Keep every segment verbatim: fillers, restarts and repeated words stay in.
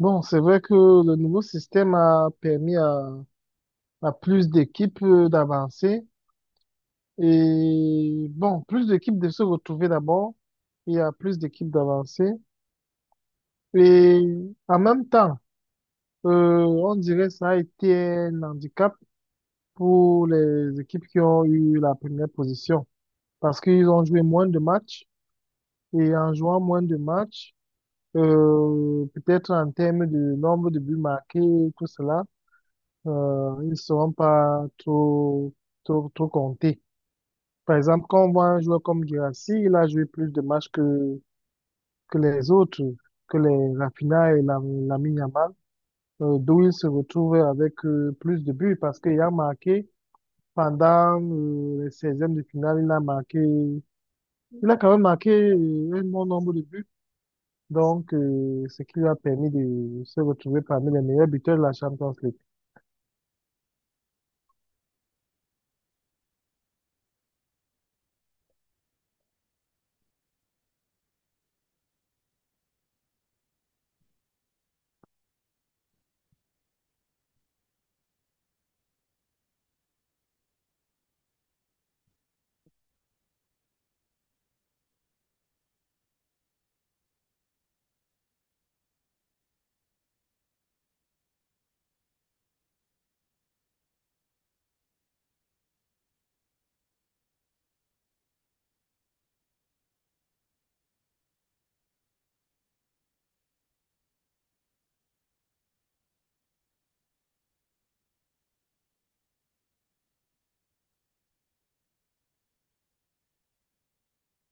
Bon, c'est vrai que le nouveau système a permis à, à plus d'équipes euh, d'avancer et bon, plus d'équipes de se retrouver d'abord et à plus d'équipes d'avancer. Et en même temps, euh, on dirait que ça a été un handicap pour les équipes qui ont eu la première position parce qu'ils ont joué moins de matchs et en jouant moins de matchs, euh, peut-être en termes de nombre de buts marqués, tout cela. Euh, ils ne seront pas trop, trop, trop comptés. Par exemple, quand on voit un joueur comme Guirassy, il a joué plus de matchs que, que les autres, que les Raphinha et la, Lamine Yamal, euh, d'où il se retrouve avec euh, plus de buts parce qu'il a marqué pendant euh, les seizièmes de finale, il a marqué, il a quand même marqué euh, un bon nombre de buts. Donc, euh, ce qui lui a permis de se retrouver parmi les meilleurs buteurs de la Champions League.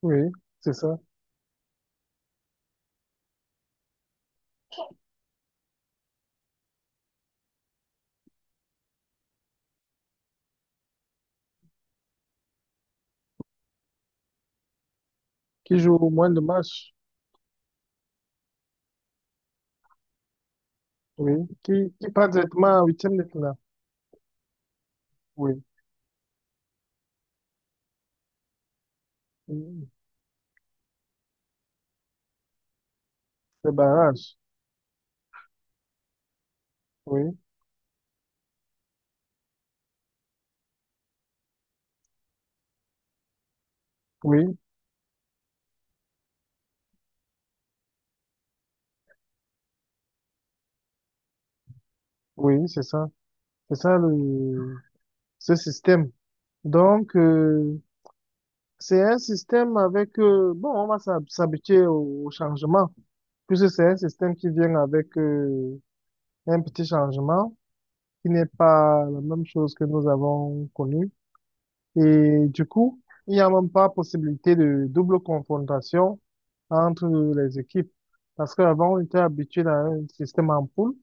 Oui, c'est ça. Qui joue au moins de matchs. Oui, qui, qui prend directement en huitième de finale. Oui, Mm. Le barrage. Oui, oui, oui, c'est ça. C'est ça le, ce système. Donc, euh, c'est un système avec, euh, bon, on va s'hab- s'habituer au, au changement, puisque c'est un système qui vient avec euh, un petit changement qui n'est pas la même chose que nous avons connue. Et du coup, il n'y a même pas possibilité de double confrontation entre les équipes. Parce qu'avant, on était habitué à un système en poule,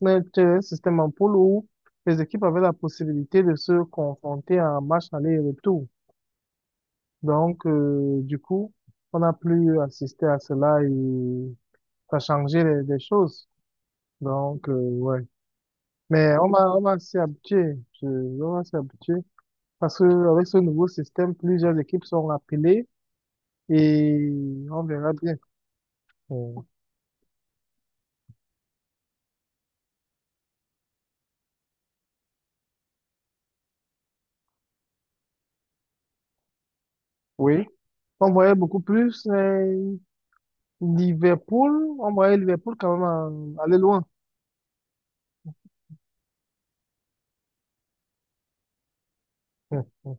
mais c'était un système en poule où les équipes avaient la possibilité de se confronter en match aller et retour. Donc, euh, du coup, on n'a plus assisté à cela et ça a changé les, les choses. Donc, euh, ouais. Mais on va, on va s'y habituer. Je- on va s'y habituer. Parce que avec ce nouveau système, plusieurs équipes sont appelées et on verra bien. Euh, Oui. On voyait beaucoup plus euh, Liverpool. On voyait Liverpool quand même euh, aller loin. Hum, hum,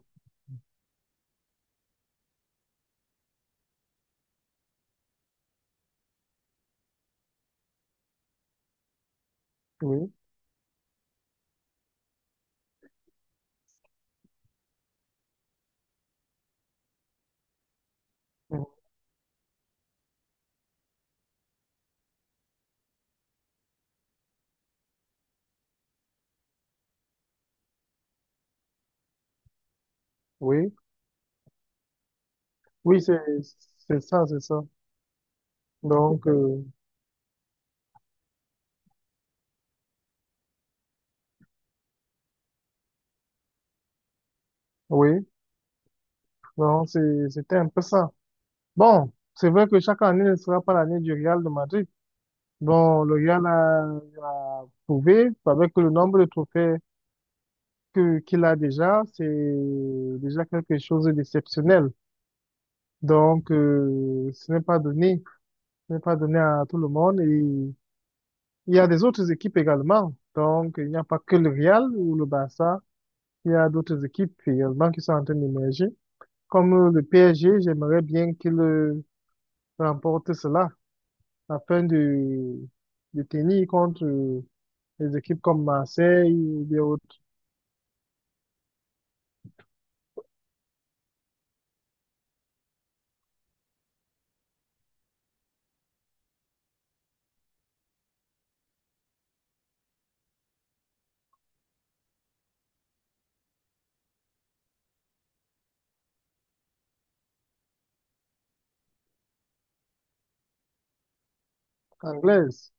oui. Hum, oui. Oui, c'est c'est ça, c'est ça. Donc, euh, oui. Donc, c'est- c'était un peu ça. Bon, c'est vrai que chaque année ne sera pas l'année du Real de Madrid. Bon, le Real a, a prouvé avec le nombre de trophées que qu'il a déjà, c'est déjà quelque chose d'exceptionnel. Donc, euh, ce n'est pas donné. Ce n'est pas donné à tout le monde. Et il y a des autres équipes également. Donc, il n'y a pas que le Real ou le Barça. Il y a d'autres équipes également qui sont en train d'émerger. Comme euh, le P S G, j'aimerais bien qu'il euh, remporte cela afin de, de tenir contre euh, les équipes comme Marseille ou des autres anglaises.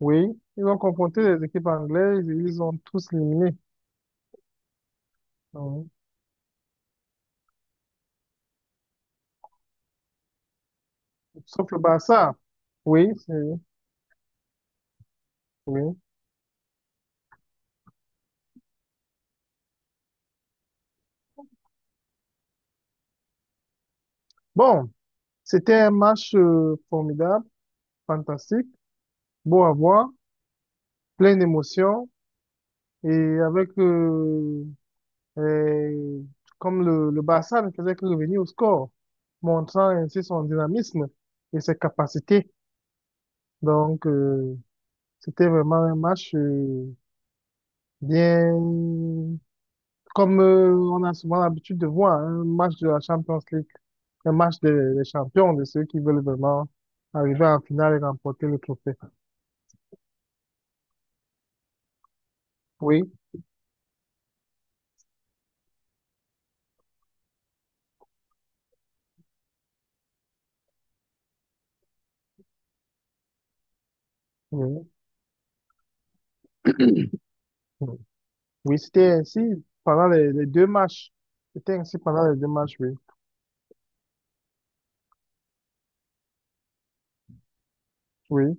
Oui, ils ont confronté les équipes anglaises et ils ont tous éliminé. Donc, sauf le Barça. Oui, c'est, oui. Bon. C'était un match euh, formidable, fantastique, beau à voir, plein d'émotions et avec euh, euh, comme le, le Barça ne faisait que revenir au score, montrant ainsi son dynamisme et ses capacités. Donc euh, c'était vraiment un match euh, bien comme euh, on a souvent l'habitude de voir hein, un match de la Champions League, un match des des champions, de ceux qui veulent vraiment arriver en finale et remporter le trophée. Oui, oui. Oui, c'était ainsi pendant les, les deux matchs. C'était ainsi pendant les deux matchs, oui. Oui,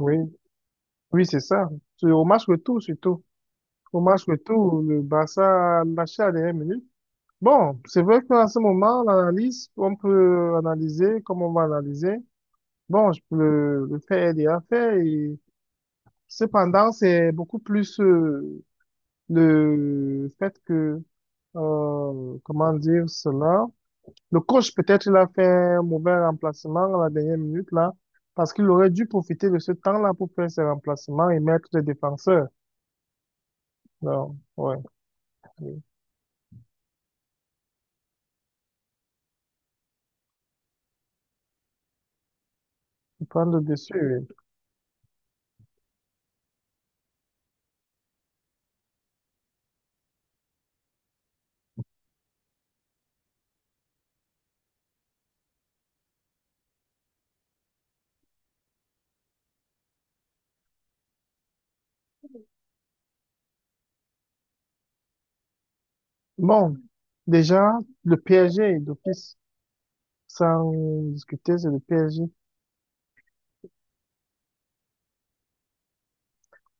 oui, oui, c'est ça. C'est Au match retour, surtout. Au match retour, le Barça a lâché à la dernière minute. Bon, c'est vrai qu'à ce moment, l'analyse, on peut analyser comme on va analyser. Bon, je peux le, le faire aider à faire. Et cependant, c'est beaucoup plus euh, le fait que, euh, comment dire cela, le coach, peut-être, il a fait un mauvais remplacement à la dernière minute, là, parce qu'il aurait dû profiter de ce temps-là pour faire ses remplacements et mettre les défenseurs. Non, ouais, pour prendre le dessus. Oui. Bon, déjà, le P S G d'office, sans discuter, c'est le P S G.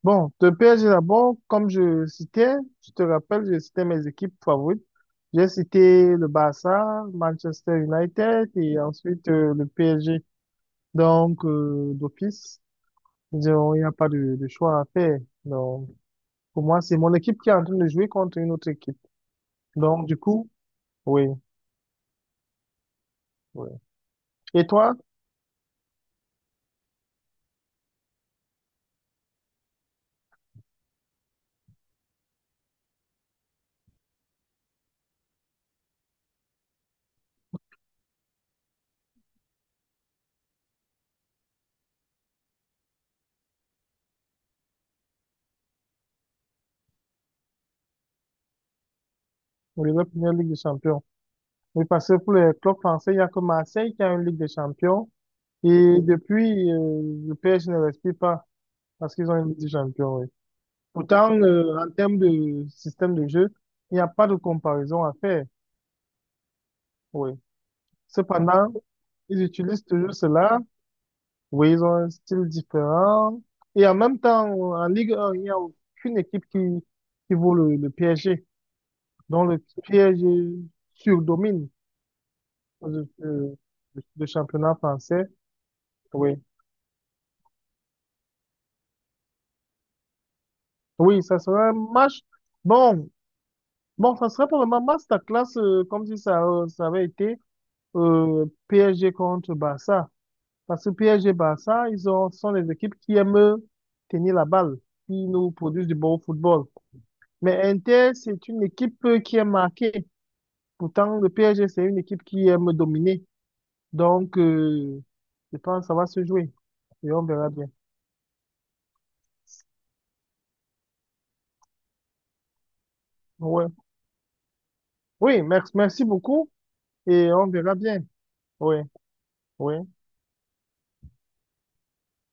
Bon, le P S G d'abord, comme je citais, je te rappelle, je citais mes équipes favorites. J'ai cité le Barça, Manchester United et ensuite euh, le P S G. Donc, euh, d'office. Disons, il n'y a pas de, de choix à faire. Donc, pour moi, c'est mon équipe qui est en train de jouer contre une autre équipe. Donc, du coup, oui, oui. Et toi, pour la première Ligue des Champions? Oui, parce que pour les clubs français, il n'y a que Marseille qui a une Ligue des Champions. Et depuis, euh, le P S G ne respire pas parce qu'ils ont une Ligue des Champions, oui. Pourtant, euh, en termes de système de jeu, il n'y a pas de comparaison à faire, oui. Cependant, ils utilisent toujours cela. Oui, ils ont un style différent. Et en même temps, en Ligue un, il n'y a aucune équipe qui, qui vaut le, le P S G, dont le P S G surdomine le, le, le championnat français. Oui. Oui, ça serait un match. Bon, bon, ça serait probablement un masterclass, euh, comme si ça, euh, ça avait été euh, P S G contre Barça. Parce que P S G Barça, ils ont, sont les équipes qui aiment tenir la balle, qui nous produisent du bon football. Mais Inter, c'est une équipe euh, qui est marquée. Pourtant, le P S G, c'est une équipe qui aime dominer. Donc, euh, je pense que ça va se jouer. Et on verra bien. Ouais. Oui, merci, merci beaucoup. Et on verra bien. Oui, oui.